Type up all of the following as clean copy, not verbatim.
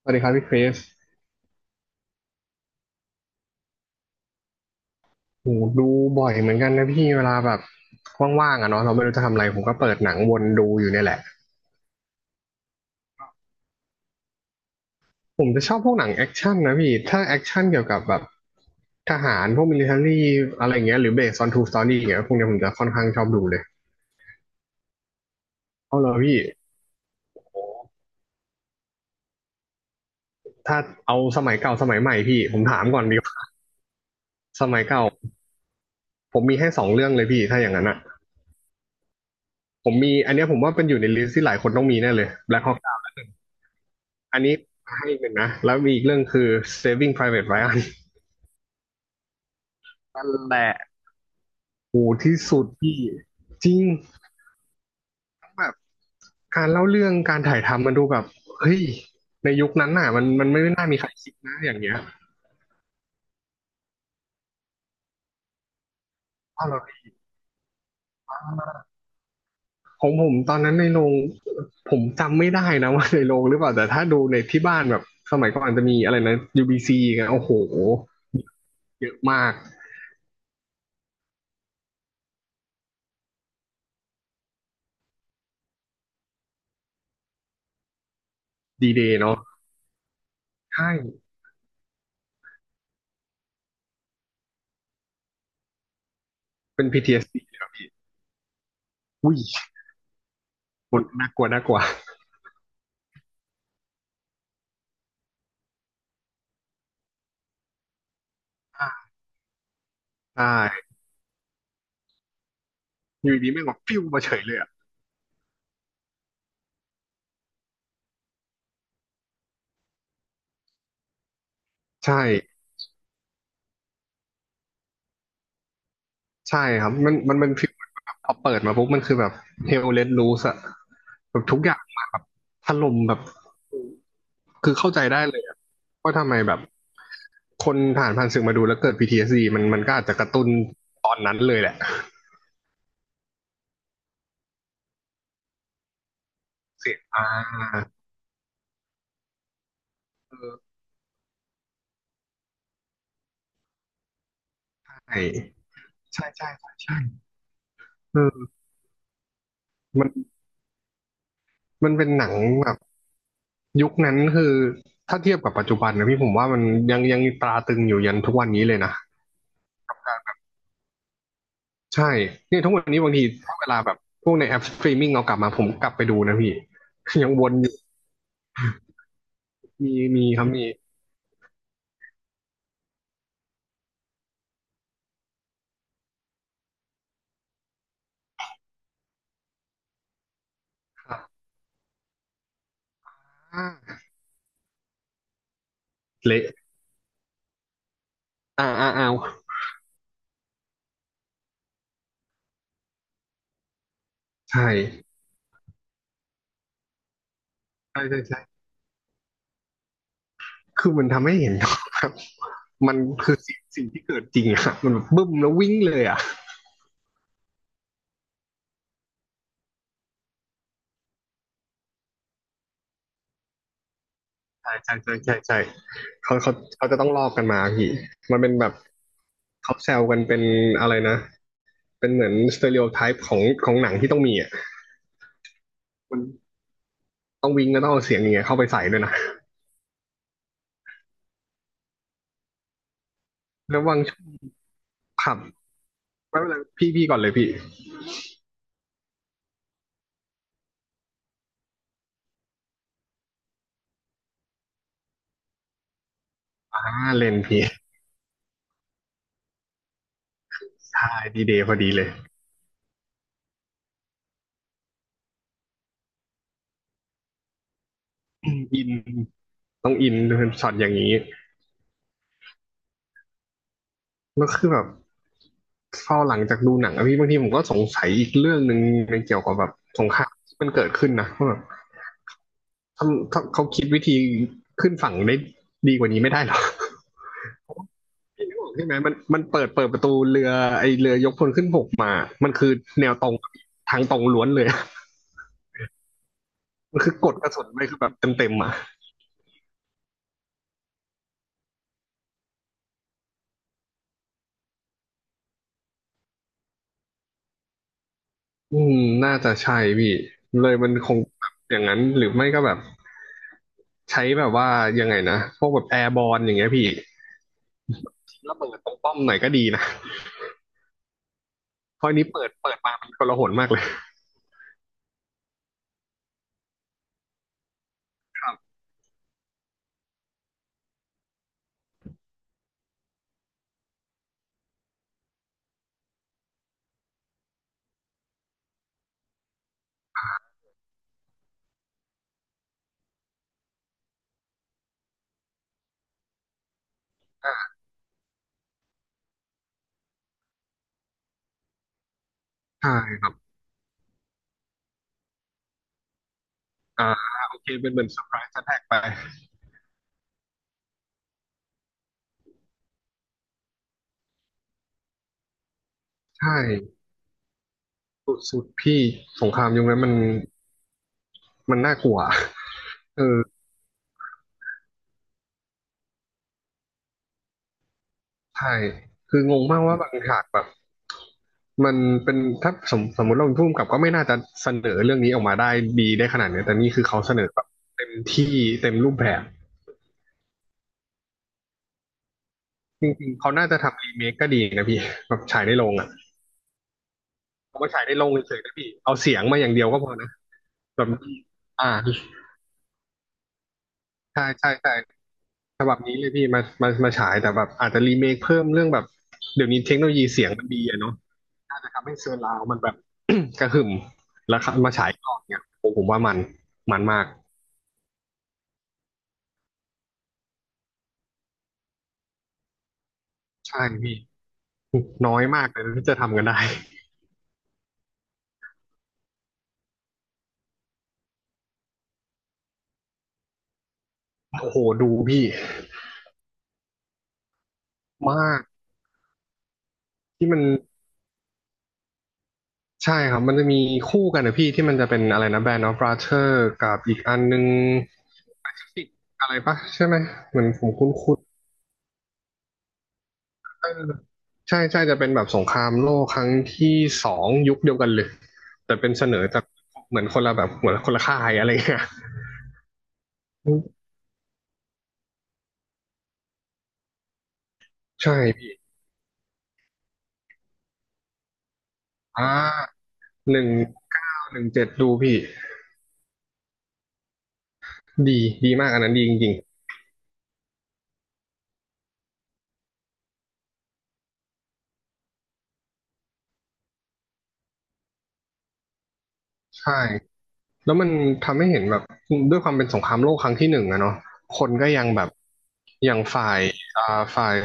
สวัสดีครับพี่คริสโหดูบ่อยเหมือนกันนะพี่เวลาแบบว่างๆอะเนาะเราไม่รู้จะทำอะไรผมก็เปิดหนังวนดูอยู่เนี่ยแหละ ผมจะชอบพวกหนังแอคชั่นนะพี่ถ้าแอคชั่นเกี่ยวกับแบบทหารพวกมิลิเทอรี่อะไรเงี้ยหรือ based on true story อย่างเงี้ยพวกเนี้ยผมจะค่อนข้างชอบดูเลยเอาเลยพี่ถ้าเอาสมัยเก่าสมัยใหม่พี่ผมถามก่อนดีกว่าสมัยเก่าผมมีให้สองเรื่องเลยพี่ถ้าอย่างนั้นอะผมมีอันเนี้ยผมว่าเป็นอยู่ในลิสต์ที่หลายคนต้องมีแน่เลย Black Hawk Down อันนี้ให้อีกหนึ่งนะแล้วมีอีกเรื่องคือ Saving Private Ryan นั่นแหละ โหที่สุดพี่จริงแบบการเล่าเรื่องการถ่ายทำมันดูแบบเฮ้ยในยุคนั้นน่ะมันไม่น่ามีใครคิดนะอย่างเงี้ยเอาเหรอของผมตอนนั้นในโรงผมจำไม่ได้นะ ว่าในโรงหรือเปล่าแต่ถ้าดูในที่บ้านแบบสมัยก่อนจะมีอะไรนะ UBC กันโอ้โหเยอะมากดีเดย์เนาะใช่เป็น PTSD เอสดีเลยครับพี่อุ้ยน่ากลัวน่ากลัวใช่อยู่ดีไม่งอกปิ้วมาเฉยเลยอ่ะใช่ ใช่ครับมันเป็นฟิลแบบพอเปิดมาปุ๊บมันคือแบบเฮลเล t รูสอะแบบทุกอย่างมาแบบถล่มแบบคือเข้าใจได้เลยอะว่าทำไมแบบคนผ่านศึกมาดูแล้วเกิด PTSD มันก็อาจจะกระตุ้นตอนนั้นเลยแหละเสียงอ่าเออใช่ใช่ใช่ใช่ใช่เออมันมันเป็นหนังแบบยุคนั้นคือถ้าเทียบกับปัจจุบันนะพี่ผมว่ามันยังตราตรึงอยู่ยันทุกวันนี้เลยนะ ใช่เนี่ยทุกวันนี้บางทีถ้าเวลาแบบพวกในแอปสตรีมมิ่งเรากลับมาผมกลับไปดูนะพี่ ยังวนอยู่มีครับมีอ่าเละอ่าอ่าอาวใช่ใช่ใช่ใช่คือมันทำให้เห็นครับมันคือสิ่งที่เกิดจริงอะมันแบบบึ้มแล้ววิ่งเลยอะใช่ใช่ใช่ใช่ใช่เขาจะต้องลอกกันมาพี่มันเป็นแบบเขาแซวกันเป็นอะไรนะเป็นเหมือนสเตอริโอไทป์ของหนังที่ต้องมีอะมันต้องวิ่งก็ต้องเอาเสียงอย่างเงี้ยเข้าไปใส่ด้วยนะแล้วบางช่วงขับ ไม่เป็นไรพี่พี่ก่อนเลยพี่อ่าเลนพี่ใช่ดีเดย์พอดีเลยอินต้องอินเป็นช็อตอย่างนี้แล้วคือแบบเฝ้าหลังจากดูหนังอะพี่บางทีผมก็สงสัยอีกเรื่องหนึ่งในเกี่ยวกับแบบสงครามที่มันเกิดขึ้นนะว่าแบบทำเขาคิดวิธีขึ้นฝั่งได้ดีกว่านี้ไม่ได้หรอพี่นึกออกใช่ไหมมันเปิดประตูเรือไอเรือยกพลขึ้นบกมามันคือแนวตรงทางตรงล้วนเลย มันคือกดกระสุนไปคือแบบเต็มอ่ะ อืมน่าจะใช่พี่เลยมันคงแบบอย่างนั้นหรือไม่ก็แบบใช้แบบว่ายังไงนะพวกแบบแอร์บอลอย่างเงี้ยพี่แล้วเปิดตรงป้อมหน่อยก็ดีนะเพราะอันนี้เปิดมามันกลาหนมากเลยครับอ่าใช่ครับอ่าโอเคเป็นเหมือนเซอร์ไพรส์แทกไปใช่สุดสุดพี่สงครามยุคนั้นมันมันน่ากลัวเออใช่คืองงมากว่าบางฉากแบบ มันเป็นถ้าสมมติเราเป็นผู้กำกับก็ไม่น่าจะเสนอเรื่องนี้ออกมาได้ดีได้ขนาดเนี้ยแต่นี่คือเขาเสนอแบบเต็มที่เต็มรูปแบบจริงๆเขาน่าจะทำรีเมคก็ดีนะพี่ แบบฉายในโรงอ่ะเขาก็ฉายในโรงเฉยๆนะพี่เอาเสียงมาอย่างเดียวก็พอนะแบบอ่าใช่ใช่ใช่ฉบับนี้เลยพี่มามามาฉายแต่แบบอาจจะรีเมคเพิ่มเรื่องแบบเดี๋ยวนี้เทคโนโลยีเสียงมันดีอะเนาะทำให้เซอร์ราวด์มันแบบ กระหึ่มแล้วมาฉายก่อนเนี่ยว่ามันมันมากใช่พี่น้อยมากเลยที่จะทำกันได้ โอ้โหดูพี่มากที่มันใช่ครับมันจะมีคู่กันนะพี่ที่มันจะเป็นอะไรนะแบนด์ออฟบราเธอร์กับอีกอันนึงอะไรปะใช่ไหมเหมือนผมคุ้นๆใช่ใช่จะเป็นแบบสงครามโลกครั้งที่สองยุคเดียวกันเลยแต่เป็นเสนอจากเหมือนคนละแบบเหมือนคนละค่ายอะไรเงี้ยใช่พี่อ่า1917ดูพี่ดีดีมากอันนั้นดีจริงๆใช่ แล้วมันทำให้เห็นแบบด้วยความเป็นสงครามโลกครั้งที่หนึ่งอะเนาะคนก็ยังแบบอย่างฝ่ายอ่าฝ่าย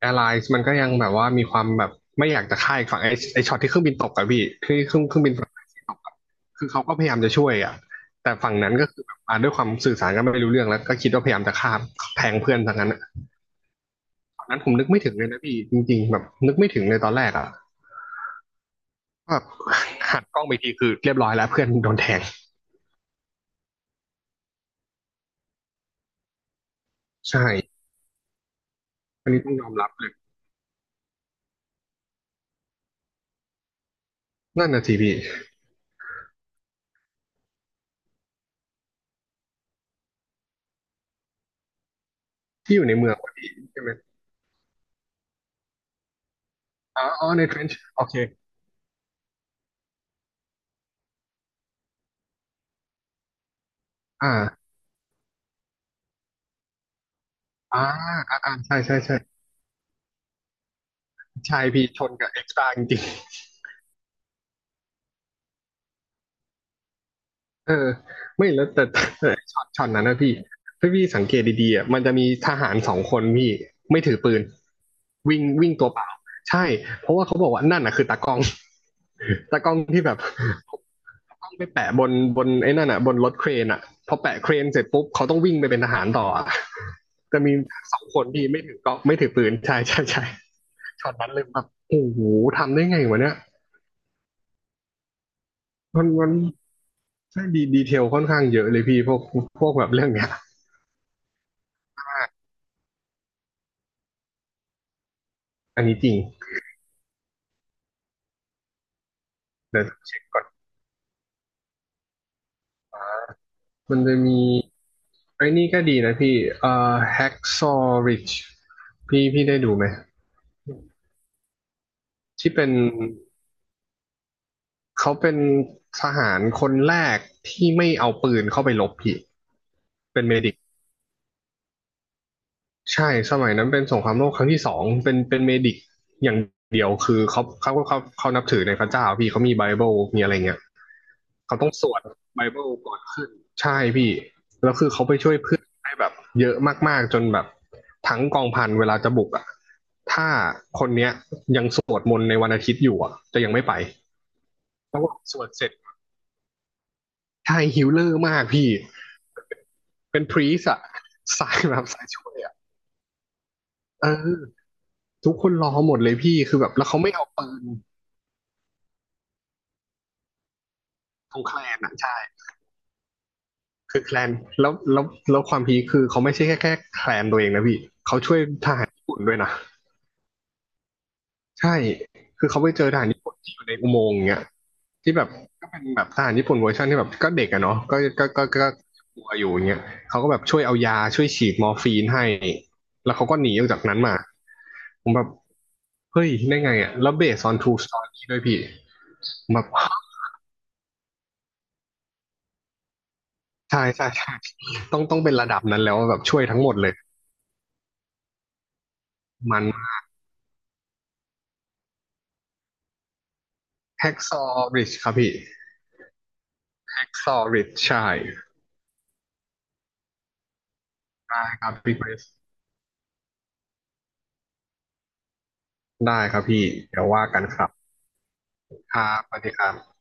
แอร์ไลน์มันก็ยังแบบว่ามีความแบบไม่อยากจะฆ่าอีกฝั่งไอ้ช็อตที่เครื่องบินตกอะพี่ที่เครื่องบินฝั่งตกอะคือเขาก็พยายามจะช่วยอะแต่ฝั่งนั้นก็คือแบบด้วยความสื่อสารกันไม่รู้เรื่องแล้วก็คิดว่าพยายามจะฆ่าแทงเพื่อนทางนั้นอะตอนนั้นผมนึกไม่ถึงเลยนะพี่จริงๆแบบนึกไม่ถึงเลยตอนแรกอะแบบหันกล้องไปทีคือเรียบร้อยแล้วเพื่อนโดนแทงใช่อันนี้ต้องยอมรับเลย นั่นน่ะสิพี่ที่อยู่ในเมืองพอดีใช่ไหมอ๋ออ๋อในเทรนช์โอเคอ่าอ่าใช่ใช่ใช่ใช่พี่ชนกับเอ็กซ์ตร้าจริงๆเออไม่แล้วแต่ช็อตนั้นนะพี่ถ้าพี่สังเกตดีๆอ่ะมันจะมีทหารสองคนพี่ไม่ถือปืนวิ่งวิ่งตัวเปล่าใช่เพราะว่าเขาบอกว่านั่นน่ะคือตากล้องตากล้องที่แบบ ต้องไปแปะบนไอ้นั่นอ่ะบนรถเครนอ่ะพอแปะเครนเสร็จปุ๊บเขาต้องวิ่งไปเป็นทหารต่ออ่ะ จะมีสองคนที่ไม่ถือก็ไม่ถือปืนใช่ใช่ใช่ช็อตนั้นเลยแบบโอ้โหทำได้ไงวะเนี่ยมันใช่ดีดีเทลค่อนข้างเยอะเลยพี่พวกแบบเรื่องเนี้ยอันนี้จริงเดี๋ยวเช็คก่อนมันจะมีไอ้นี่ก็ดีนะพี่Hacksaw Ridge พี่ได้ดูไหมที่เป็น เขาเป็นทหารคนแรกที่ไม่เอาปืนเข้าไปรบพี่เป็นเมดิกใช่สมัยนั้นเป็นสงครามโลกครั้งที่สองเป็นเมดิกอย่างเดียวคือเขานับถือในพระเจ้าพี่เขามีไบเบิลมีอะไรเงี้ยเขาต้องสวดไบเบิลก่อนขึ้นใช่พี่แล้วคือเขาไปช่วยเพื่อนได้แบบเยอะมากๆจนแบบทั้งกองพันเวลาจะบุกอ่ะถ้าคนเนี้ยยังสวดมนต์ในวันอาทิตย์อยู่อ่ะจะยังไม่ไปแล้อสวดเสร็จใช่ฮิลเลอร์มากพี่ เป็นพรีสอะ สายแบบสายช่วยอะเออ ทุกคนรอหมดเลยพี่ คือแบบแล้วเขาไม่เอาปืนของแคลนอะใช่ คือแคลน แล้วแล้วแล้วความพีคคือเขาไม่ใช่แค่แคลนตัวเองนะพี่ เขาช่วยทหารญี่ปุ่นด้วยนะ ใช่ คือเขาไปเจอทหารญี่ปุ่นที่อยู่ในอุโมงค์อย่างเงี้ยที่แบบก็เป็นแบบทหารญี่ปุ่นเวอร์ชันที่แบบก็เด็กอะเนาะก็กลัวอยู่อย่างเงี้ยเขาก็แบบช่วยเอายาช่วยฉีดมอร์ฟีนให้ แล้วเขาก็หนีออกจากนั้นมา ผมแบบ เฮ้ย ได้ไงอะ แล้วเบสออนทูสตอรี่ด้วยพี่ผมแบบใช่ใช่ใช่ต้องเป็นระดับนั้นแล้วแบบช่วยทั้งหมดเลย มันแฮกซอริชครับพี่แฮกซอริชใช่ได้ครับพี่คริสได้ครับพี่เดี๋ยวว่ากันครับครับสวัสดีครับ